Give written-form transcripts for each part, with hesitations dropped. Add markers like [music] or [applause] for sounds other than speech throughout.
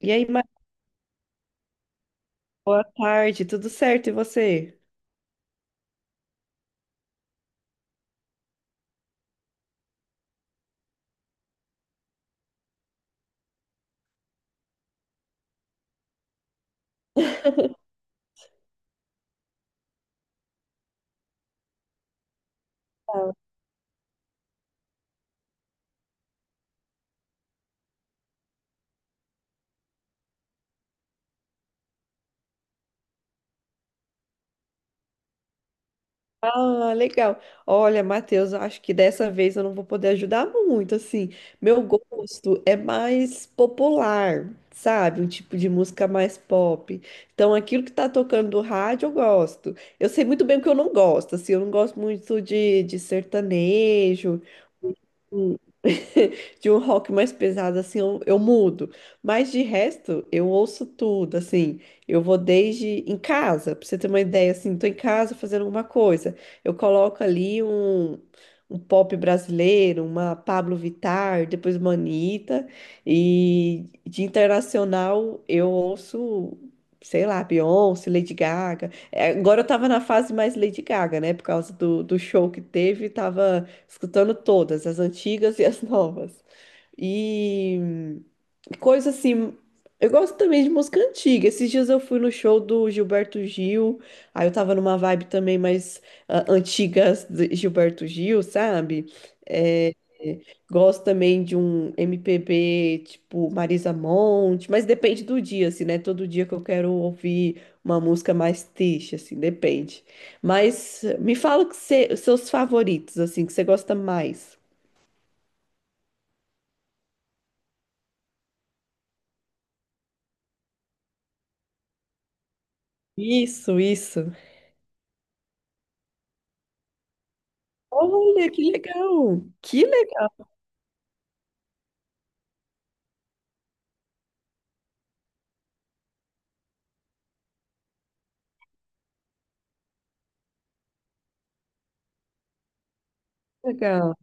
E aí, Mari, boa tarde, tudo certo? E você? [laughs] Ah, legal. Olha, Matheus, eu acho que dessa vez eu não vou poder ajudar muito, assim. Meu gosto é mais popular, sabe? Um tipo de música mais pop. Então, aquilo que tá tocando do rádio, eu gosto. Eu sei muito bem o que eu não gosto, assim. Eu não gosto muito de sertanejo. [laughs] De um rock mais pesado, assim, eu mudo. Mas de resto, eu ouço tudo, assim. Eu vou desde em casa, pra você ter uma ideia, assim, tô em casa fazendo alguma coisa. Eu coloco ali um pop brasileiro, uma Pablo Vittar, depois uma Anitta. E de internacional, eu ouço. Sei lá, Beyoncé, Lady Gaga. Agora eu tava na fase mais Lady Gaga, né? Por causa do show que teve, tava escutando todas, as antigas e as [laughs] novas. E coisa assim, eu gosto também de música antiga. Esses dias eu fui no show do Gilberto Gil, aí eu tava numa vibe também mais antigas de Gilberto Gil, sabe? É, Gosto também de um MPB tipo Marisa Monte, mas depende do dia, assim, né? Todo dia que eu quero ouvir uma música mais triste, assim, depende. Mas me fala os seus favoritos, assim, que você gosta mais. Isso, isso. Olha, que legal! Que legal!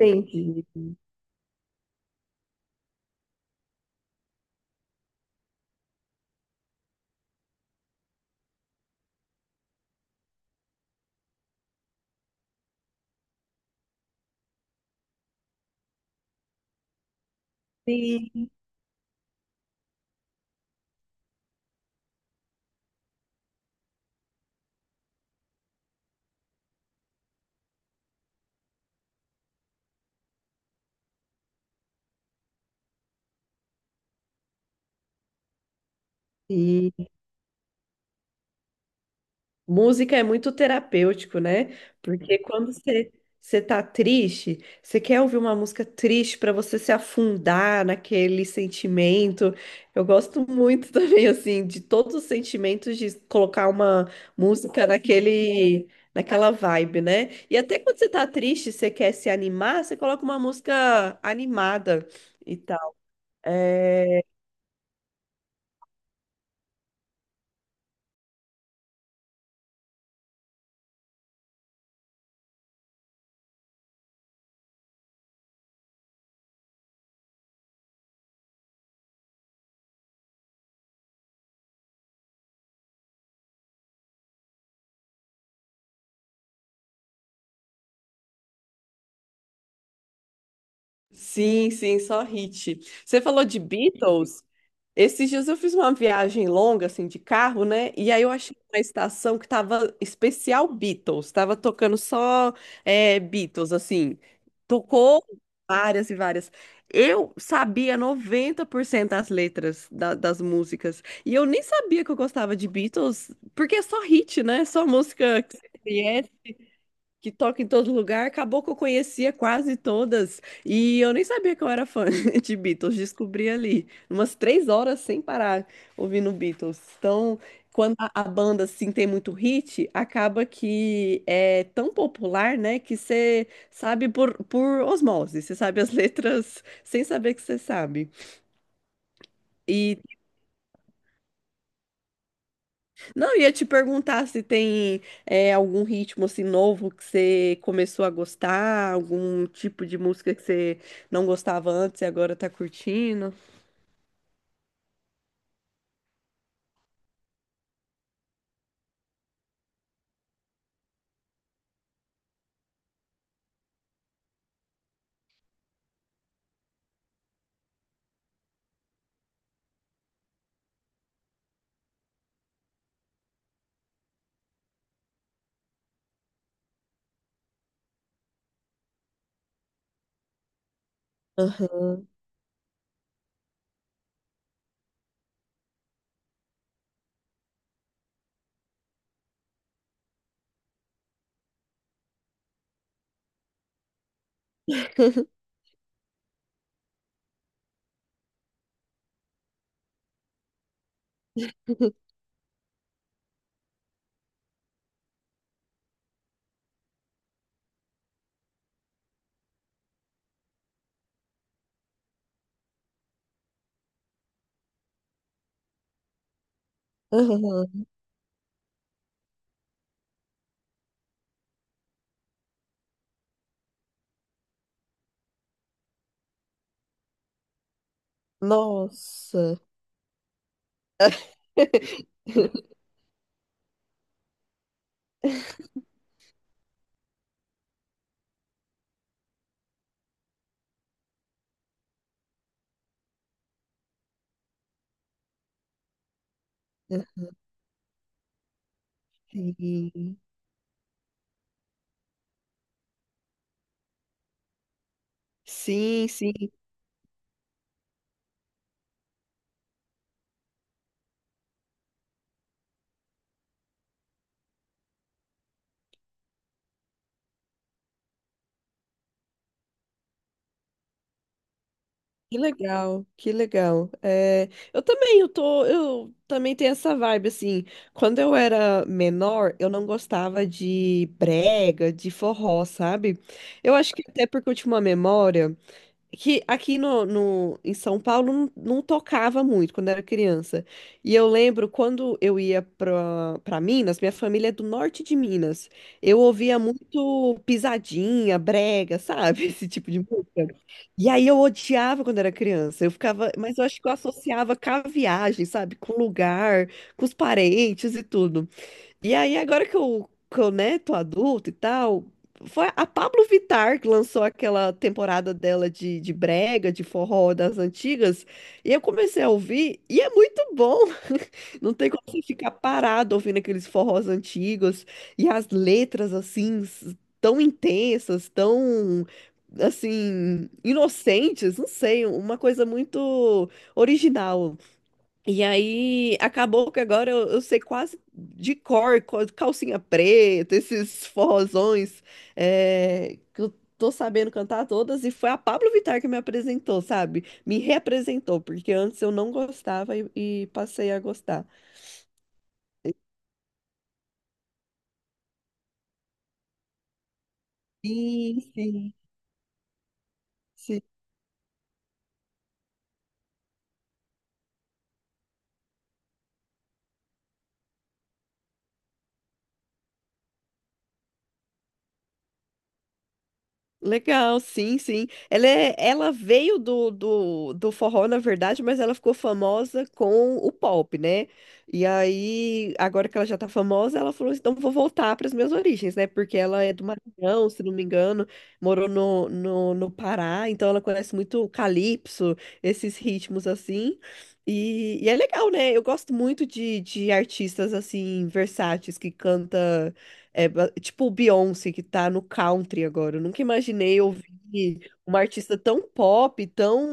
Entendi. Entendi. Música é muito terapêutico, né? Porque quando você tá triste, você quer ouvir uma música triste para você se afundar naquele sentimento. Eu gosto muito [laughs] também assim de todos os sentimentos de colocar uma música naquele naquela vibe, né? E até quando você tá triste, você quer se animar, você coloca uma música animada e tal. É, Sim, sim, só hit. Você falou de Beatles. Esses dias eu fiz uma viagem longa, assim, de carro, né? E aí eu achei uma estação que tava especial Beatles. Tava tocando só Beatles, assim. Tocou várias e várias. Eu sabia 90% das letras das músicas. E eu nem sabia que eu gostava de Beatles, porque é só hit, né? É só música você que toca em todo lugar, acabou que eu conhecia quase todas e eu nem sabia que eu era fã [laughs] de Beatles, descobri ali, umas 3 horas sem parar ouvindo Beatles. Então, quando a banda assim tem muito hit, acaba que é tão popular, né, que você sabe por osmose, você sabe as [laughs] letras sem saber que você sabe. E, não, ia te perguntar se tem algum ritmo assim novo que você começou a gostar, algum tipo de música que você não gostava antes e agora tá curtindo. Aham, aham. Nossa. [laughs] Assim. Sim, sim. Que legal, que legal. Eu também tenho essa vibe, assim. Quando eu era menor, eu não gostava de brega, de forró, sabe? Eu acho que até porque eu tinha uma memória que aqui em São Paulo não tocava muito quando era criança. E eu lembro quando eu ia pra Minas, minha família é do norte de Minas. Eu ouvia muito pisadinha, brega, sabe? [laughs] Esse tipo de música. E aí eu odiava quando era criança. Eu ficava, mas eu acho que eu associava com a viagem, sabe? Com o lugar, com os parentes e tudo. E aí, agora que eu, né, tô adulto e tal, foi a Pablo Vittar que lançou aquela temporada dela de brega, de forró das antigas, e eu comecei a ouvir, e é muito bom. [laughs] Não tem como você ficar parado ouvindo aqueles forrós antigos, e as letras, assim, tão intensas, tão, assim, inocentes, não sei, uma coisa muito original. E aí, acabou que agora eu sei quase de cor, calcinha preta, esses forrozões, que eu tô sabendo cantar todas, e foi a Pablo Vittar que me apresentou, sabe? Me reapresentou, porque antes eu não gostava e passei a gostar. Sim, sim. Sim. Legal, sim, sim. Ela veio do forró, na verdade, mas ela ficou famosa com o pop, né? E aí, agora que ela já tá famosa, ela falou, assim, então vou voltar para as minhas origens, né? Porque ela é do Maranhão, se não me engano, morou no Pará, então ela conhece muito o calypso, esses ritmos assim. E é legal, né? Eu gosto muito de artistas, assim, versáteis, que canta tipo o Beyoncé que tá no country agora. Eu nunca imaginei ouvir uma artista tão pop, tão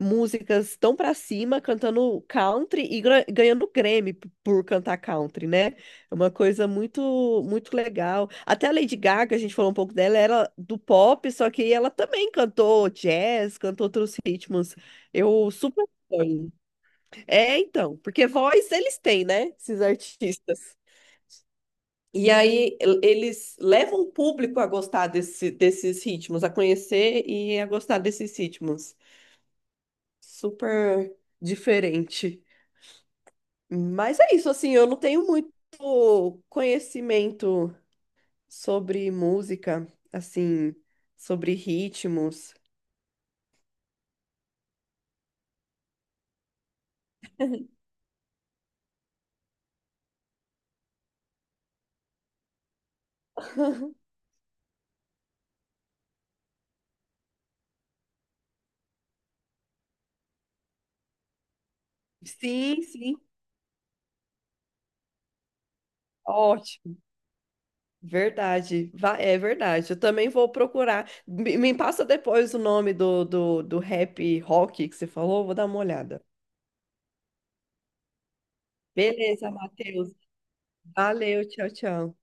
músicas tão pra cima cantando country e ganhando Grammy por cantar country, né? É uma coisa muito muito legal. Até a Lady Gaga, a gente falou um pouco dela, era do pop, só que ela também cantou jazz, cantou outros ritmos. Eu super apoio. Então, porque voz eles têm, né? Esses artistas. E aí eles levam o público a gostar desses ritmos, a conhecer e a gostar desses ritmos. Super diferente. Mas é isso, assim, eu não tenho muito conhecimento sobre música, assim, sobre ritmos. [laughs] Sim, sim. Ótimo. Verdade. É verdade. Eu também vou procurar. Me passa depois o nome do rap rock que você falou, vou dar uma olhada. Beleza, Matheus. Valeu, tchau, tchau.